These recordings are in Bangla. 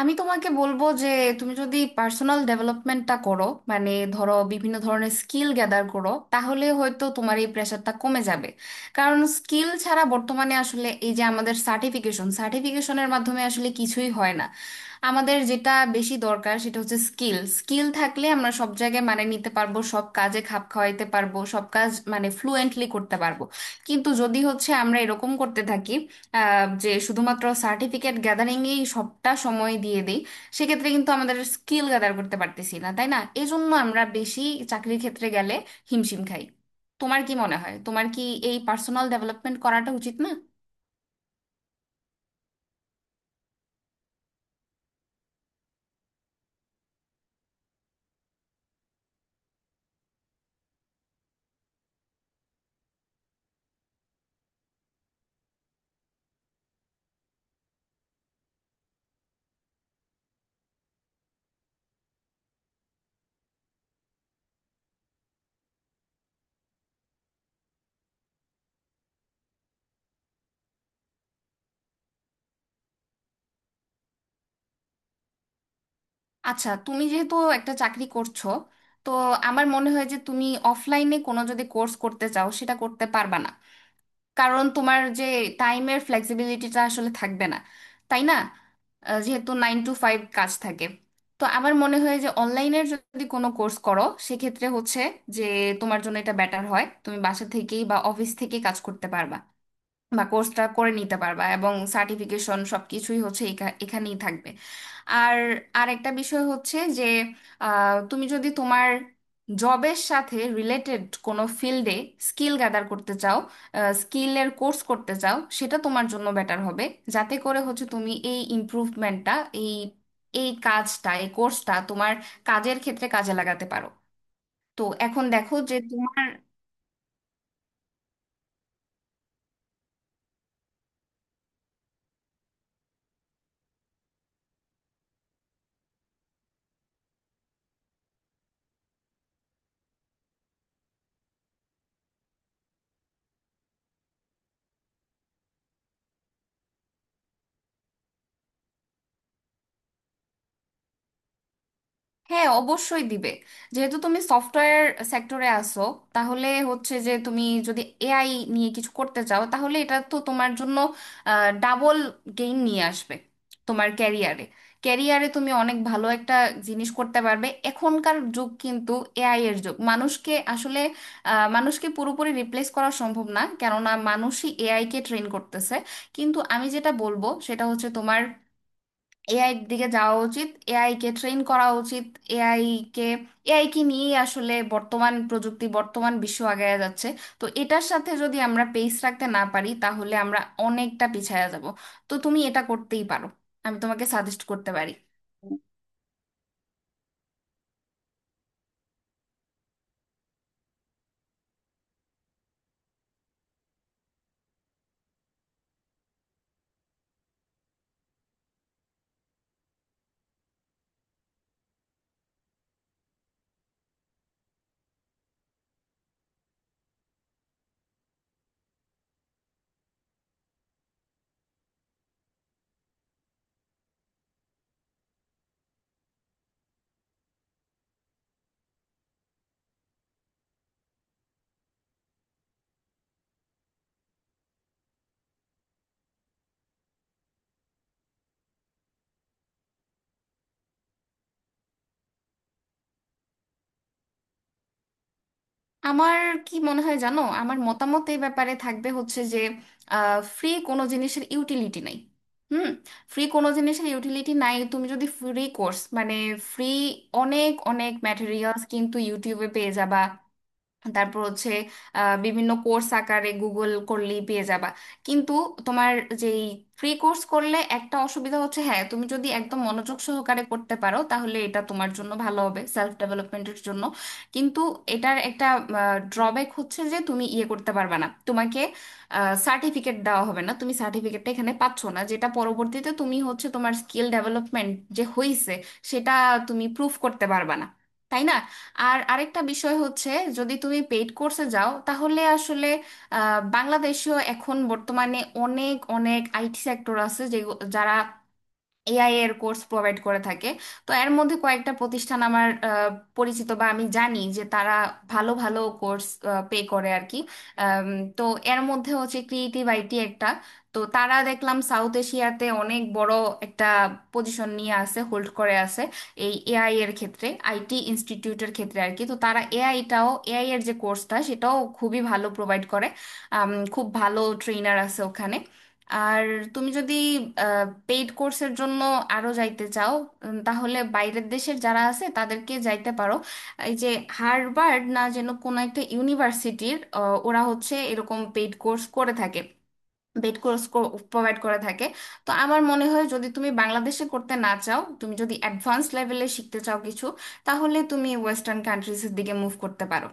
আমি তোমাকে বলবো যে তুমি যদি পার্সোনাল ডেভেলপমেন্টটা করো, মানে ধরো বিভিন্ন ধরনের স্কিল গ্যাদার করো, তাহলে হয়তো তোমার এই প্রেশারটা কমে যাবে। কারণ স্কিল ছাড়া বর্তমানে আসলে এই যে আমাদের সার্টিফিকেশনের মাধ্যমে আসলে কিছুই হয় না। আমাদের যেটা বেশি দরকার সেটা হচ্ছে স্কিল। স্কিল থাকলে আমরা সব জায়গায় মানে নিতে পারবো, সব কাজে খাপ খাওয়াইতে পারবো, সব কাজ মানে ফ্লুয়েন্টলি করতে পারবো। কিন্তু যদি হচ্ছে আমরা এরকম করতে থাকি, যে শুধুমাত্র সার্টিফিকেট গ্যাদারিংয়েই সবটা সময় দিয়ে দিই, সেক্ষেত্রে কিন্তু আমাদের স্কিল গ্যাদার করতে পারতেছি না, তাই না? এই জন্য আমরা বেশি চাকরির ক্ষেত্রে গেলে হিমশিম খাই। তোমার কি মনে হয়, তোমার কি এই পার্সোনাল ডেভেলপমেন্ট করাটা উচিত না? আচ্ছা, তুমি যেহেতু একটা চাকরি করছো, তো আমার মনে হয় যে তুমি অফলাইনে কোনো যদি কোর্স করতে চাও সেটা করতে পারবা না, কারণ তোমার যে টাইমের ফ্লেক্সিবিলিটিটা আসলে থাকবে না, তাই না? যেহেতু 9 to 5 কাজ থাকে, তো আমার মনে হয় যে অনলাইনের যদি কোনো কোর্স করো, সেক্ষেত্রে হচ্ছে যে তোমার জন্য এটা বেটার হয়। তুমি বাসা থেকেই বা অফিস থেকেই কাজ করতে পারবা বা কোর্সটা করে নিতে পারবা, এবং সার্টিফিকেশন সবকিছুই হচ্ছে এখানেই থাকবে। আর আরেকটা বিষয় হচ্ছে যে তুমি যদি তোমার জবের সাথে রিলেটেড কোনো ফিল্ডে স্কিল গ্যাদার করতে চাও, স্কিলের কোর্স করতে চাও, সেটা তোমার জন্য বেটার হবে। যাতে করে হচ্ছে তুমি এই ইমপ্রুভমেন্টটা, এই এই কাজটা, এই কোর্সটা তোমার কাজের ক্ষেত্রে কাজে লাগাতে পারো। তো এখন দেখো যে তোমার হ্যাঁ, অবশ্যই দিবে। যেহেতু তুমি সফটওয়্যার সেক্টরে আসো, তাহলে হচ্ছে যে তুমি যদি এআই নিয়ে কিছু করতে চাও, তাহলে এটা তো তোমার জন্য ডাবল গেইন নিয়ে আসবে তোমার ক্যারিয়ারে। তুমি অনেক ভালো একটা জিনিস করতে পারবে। এখনকার যুগ কিন্তু এআই এর যুগ। মানুষকে আসলে মানুষকে পুরোপুরি রিপ্লেস করা সম্ভব না, কেননা মানুষই এআই কে ট্রেন করতেছে। কিন্তু আমি যেটা বলবো সেটা হচ্ছে তোমার এআই এর দিকে যাওয়া উচিত, এআই কে ট্রেন করা উচিত। এআই কে এআই কে নিয়েই আসলে বর্তমান প্রযুক্তি বর্তমান বিশ্ব আগায়া যাচ্ছে। তো এটার সাথে যদি আমরা পেস রাখতে না পারি, তাহলে আমরা অনেকটা পিছায়া যাব। তো তুমি এটা করতেই পারো, আমি তোমাকে সাজেস্ট করতে পারি। আমার কি মনে হয় জানো, আমার মতামত এই ব্যাপারে থাকবে হচ্ছে যে ফ্রি কোনো জিনিসের ইউটিলিটি নাই। হুম। ফ্রি কোনো জিনিসের ইউটিলিটি নাই। তুমি যদি ফ্রি কোর্স মানে ফ্রি, অনেক অনেক ম্যাটেরিয়ালস কিন্তু ইউটিউবে পেয়ে যাবা। তারপর হচ্ছে বিভিন্ন কোর্স আকারে গুগল করলেই পেয়ে যাবা। কিন্তু তোমার যেই ফ্রি কোর্স করলে একটা অসুবিধা হচ্ছে, হ্যাঁ তুমি যদি একদম মনোযোগ সহকারে করতে পারো তাহলে এটা তোমার জন্য ভালো হবে সেলফ ডেভেলপমেন্টের জন্য। কিন্তু এটার একটা ড্রব্যাক হচ্ছে যে তুমি ইয়ে করতে পারবে না, তোমাকে সার্টিফিকেট দেওয়া হবে না। তুমি সার্টিফিকেটটা এখানে পাচ্ছ না, যেটা পরবর্তীতে তুমি হচ্ছে তোমার স্কিল ডেভেলপমেন্ট যে হয়েছে সেটা তুমি প্রুফ করতে পারবে না, তাই না? আর আরেকটা বিষয় হচ্ছে, যদি তুমি পেইড কোর্সে যাও তাহলে আসলে বাংলাদেশেও এখন বর্তমানে অনেক অনেক আইটি সেক্টর আছে যে যারা এআই এর কোর্স প্রোভাইড করে থাকে। তো এর মধ্যে কয়েকটা প্রতিষ্ঠান আমার পরিচিত বা আমি জানি যে তারা ভালো ভালো কোর্স পে করে আর কি। আম, তো এর মধ্যে হচ্ছে ক্রিয়েটিভ আইটি একটা। তো তারা দেখলাম সাউথ এশিয়াতে অনেক বড় একটা পজিশন নিয়ে আছে, হোল্ড করে আছে এই এআই এর ক্ষেত্রে, আইটি ইনস্টিটিউটের ক্ষেত্রে আর কি। তো তারা এআইটাও, এআই এর যে কোর্সটা সেটাও খুবই ভালো প্রোভাইড করে। খুব ভালো ট্রেনার আছে ওখানে। আর তুমি যদি পেইড কোর্সের জন্য আরো যাইতে চাও, তাহলে বাইরের দেশের যারা আছে তাদেরকে যাইতে পারো। এই যে হার্ভার্ড না যেন কোনো একটা ইউনিভার্সিটির, ওরা হচ্ছে এরকম পেইড কোর্স করে থাকে, পেইড কোর্স প্রোভাইড করে থাকে। তো আমার মনে হয় যদি তুমি বাংলাদেশে করতে না চাও, তুমি যদি অ্যাডভান্স লেভেলে শিখতে চাও কিছু, তাহলে তুমি ওয়েস্টার্ন কান্ট্রিজের দিকে মুভ করতে পারো।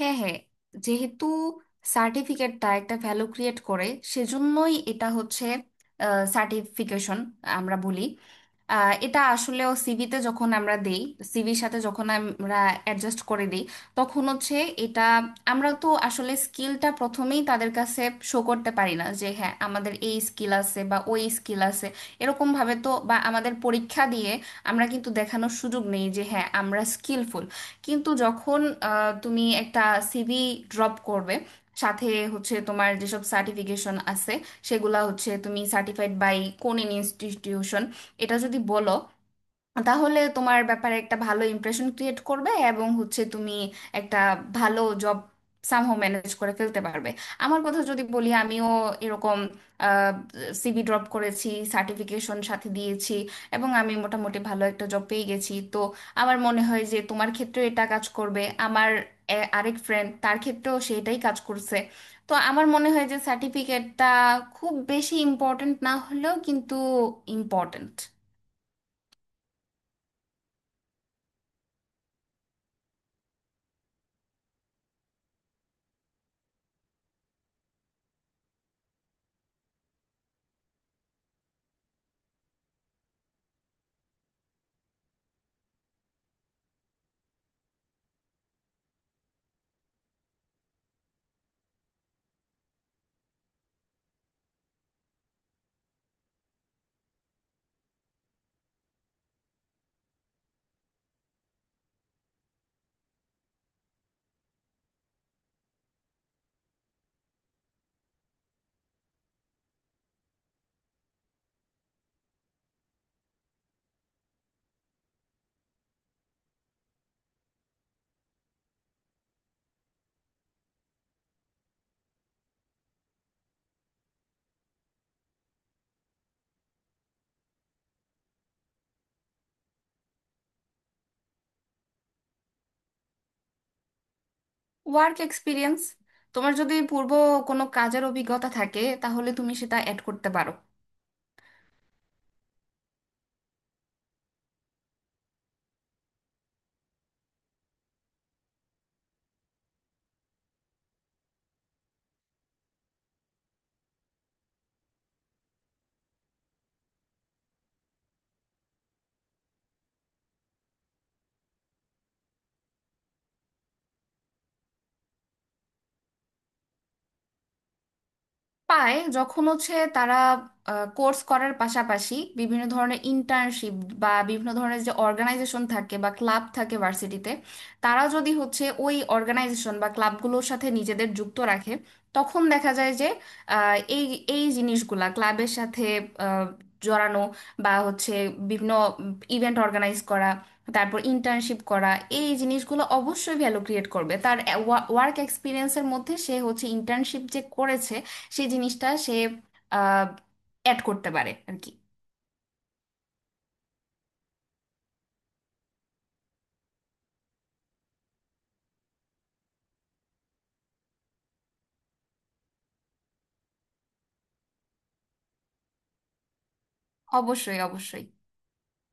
হ্যাঁ, হ্যাঁ। যেহেতু সার্টিফিকেটটা একটা ভ্যালু ক্রিয়েট করে, সেজন্যই এটা হচ্ছে সার্টিফিকেশন আমরা বলি। এটা আসলেও সিভিতে যখন আমরা দেই, সিভির সাথে যখন আমরা অ্যাডজাস্ট করে দিই, তখন হচ্ছে এটা আমরা তো আসলে স্কিলটা প্রথমেই তাদের কাছে শো করতে পারি না যে হ্যাঁ আমাদের এই স্কিল আছে বা ওই স্কিল আছে এরকম ভাবে তো, বা আমাদের পরীক্ষা দিয়ে আমরা কিন্তু দেখানোর সুযোগ নেই যে হ্যাঁ আমরা স্কিলফুল। কিন্তু যখন তুমি একটা সিভি ড্রপ করবে, সাথে হচ্ছে তোমার যেসব সার্টিফিকেশন আছে সেগুলা হচ্ছে তুমি সার্টিফাইড বাই কোন ইনস্টিটিউশন, এটা যদি বলো, তাহলে তোমার ব্যাপারে একটা ভালো ইমপ্রেশন ক্রিয়েট করবে এবং হচ্ছে তুমি একটা ভালো জব সামহাও ম্যানেজ করে ফেলতে পারবে। আমার কথা যদি বলি, আমিও এরকম সিভি ড্রপ করেছি, সার্টিফিকেশন সাথে দিয়েছি এবং আমি মোটামুটি ভালো একটা জব পেয়ে গেছি। তো আমার মনে হয় যে তোমার ক্ষেত্রেও এটা কাজ করবে। আমার আরেক ফ্রেন্ড, তার ক্ষেত্রেও সেটাই কাজ করছে। তো আমার মনে হয় যে সার্টিফিকেটটা খুব বেশি ইম্পর্ট্যান্ট না হলেও কিন্তু ইম্পর্ট্যান্ট। ওয়ার্ক এক্সপিরিয়েন্স, তোমার যদি পূর্ব কোনো কাজের অভিজ্ঞতা থাকে তাহলে তুমি সেটা অ্যাড করতে পারো। পায় যখন হচ্ছে তারা কোর্স করার পাশাপাশি বিভিন্ন ধরনের ইন্টার্নশিপ বা বিভিন্ন ধরনের যে অর্গানাইজেশন থাকে বা ক্লাব থাকে ভার্সিটিতে, তারা যদি হচ্ছে ওই অর্গানাইজেশন বা ক্লাবগুলোর সাথে নিজেদের যুক্ত রাখে, তখন দেখা যায় যে এই এই জিনিসগুলা ক্লাবের সাথে আহ, জড়ানো, বা হচ্ছে বিভিন্ন ইভেন্ট অর্গানাইজ করা, তারপর ইন্টার্নশিপ করা, এই জিনিসগুলো অবশ্যই ভ্যালু ক্রিয়েট করবে তার ওয়ার্ক এক্সপিরিয়েন্সের মধ্যে। সে হচ্ছে ইন্টার্নশিপ যে করেছে সেই জিনিসটা সে আহ অ্যাড করতে পারে আর কি। অবশ্যই, অবশ্যই।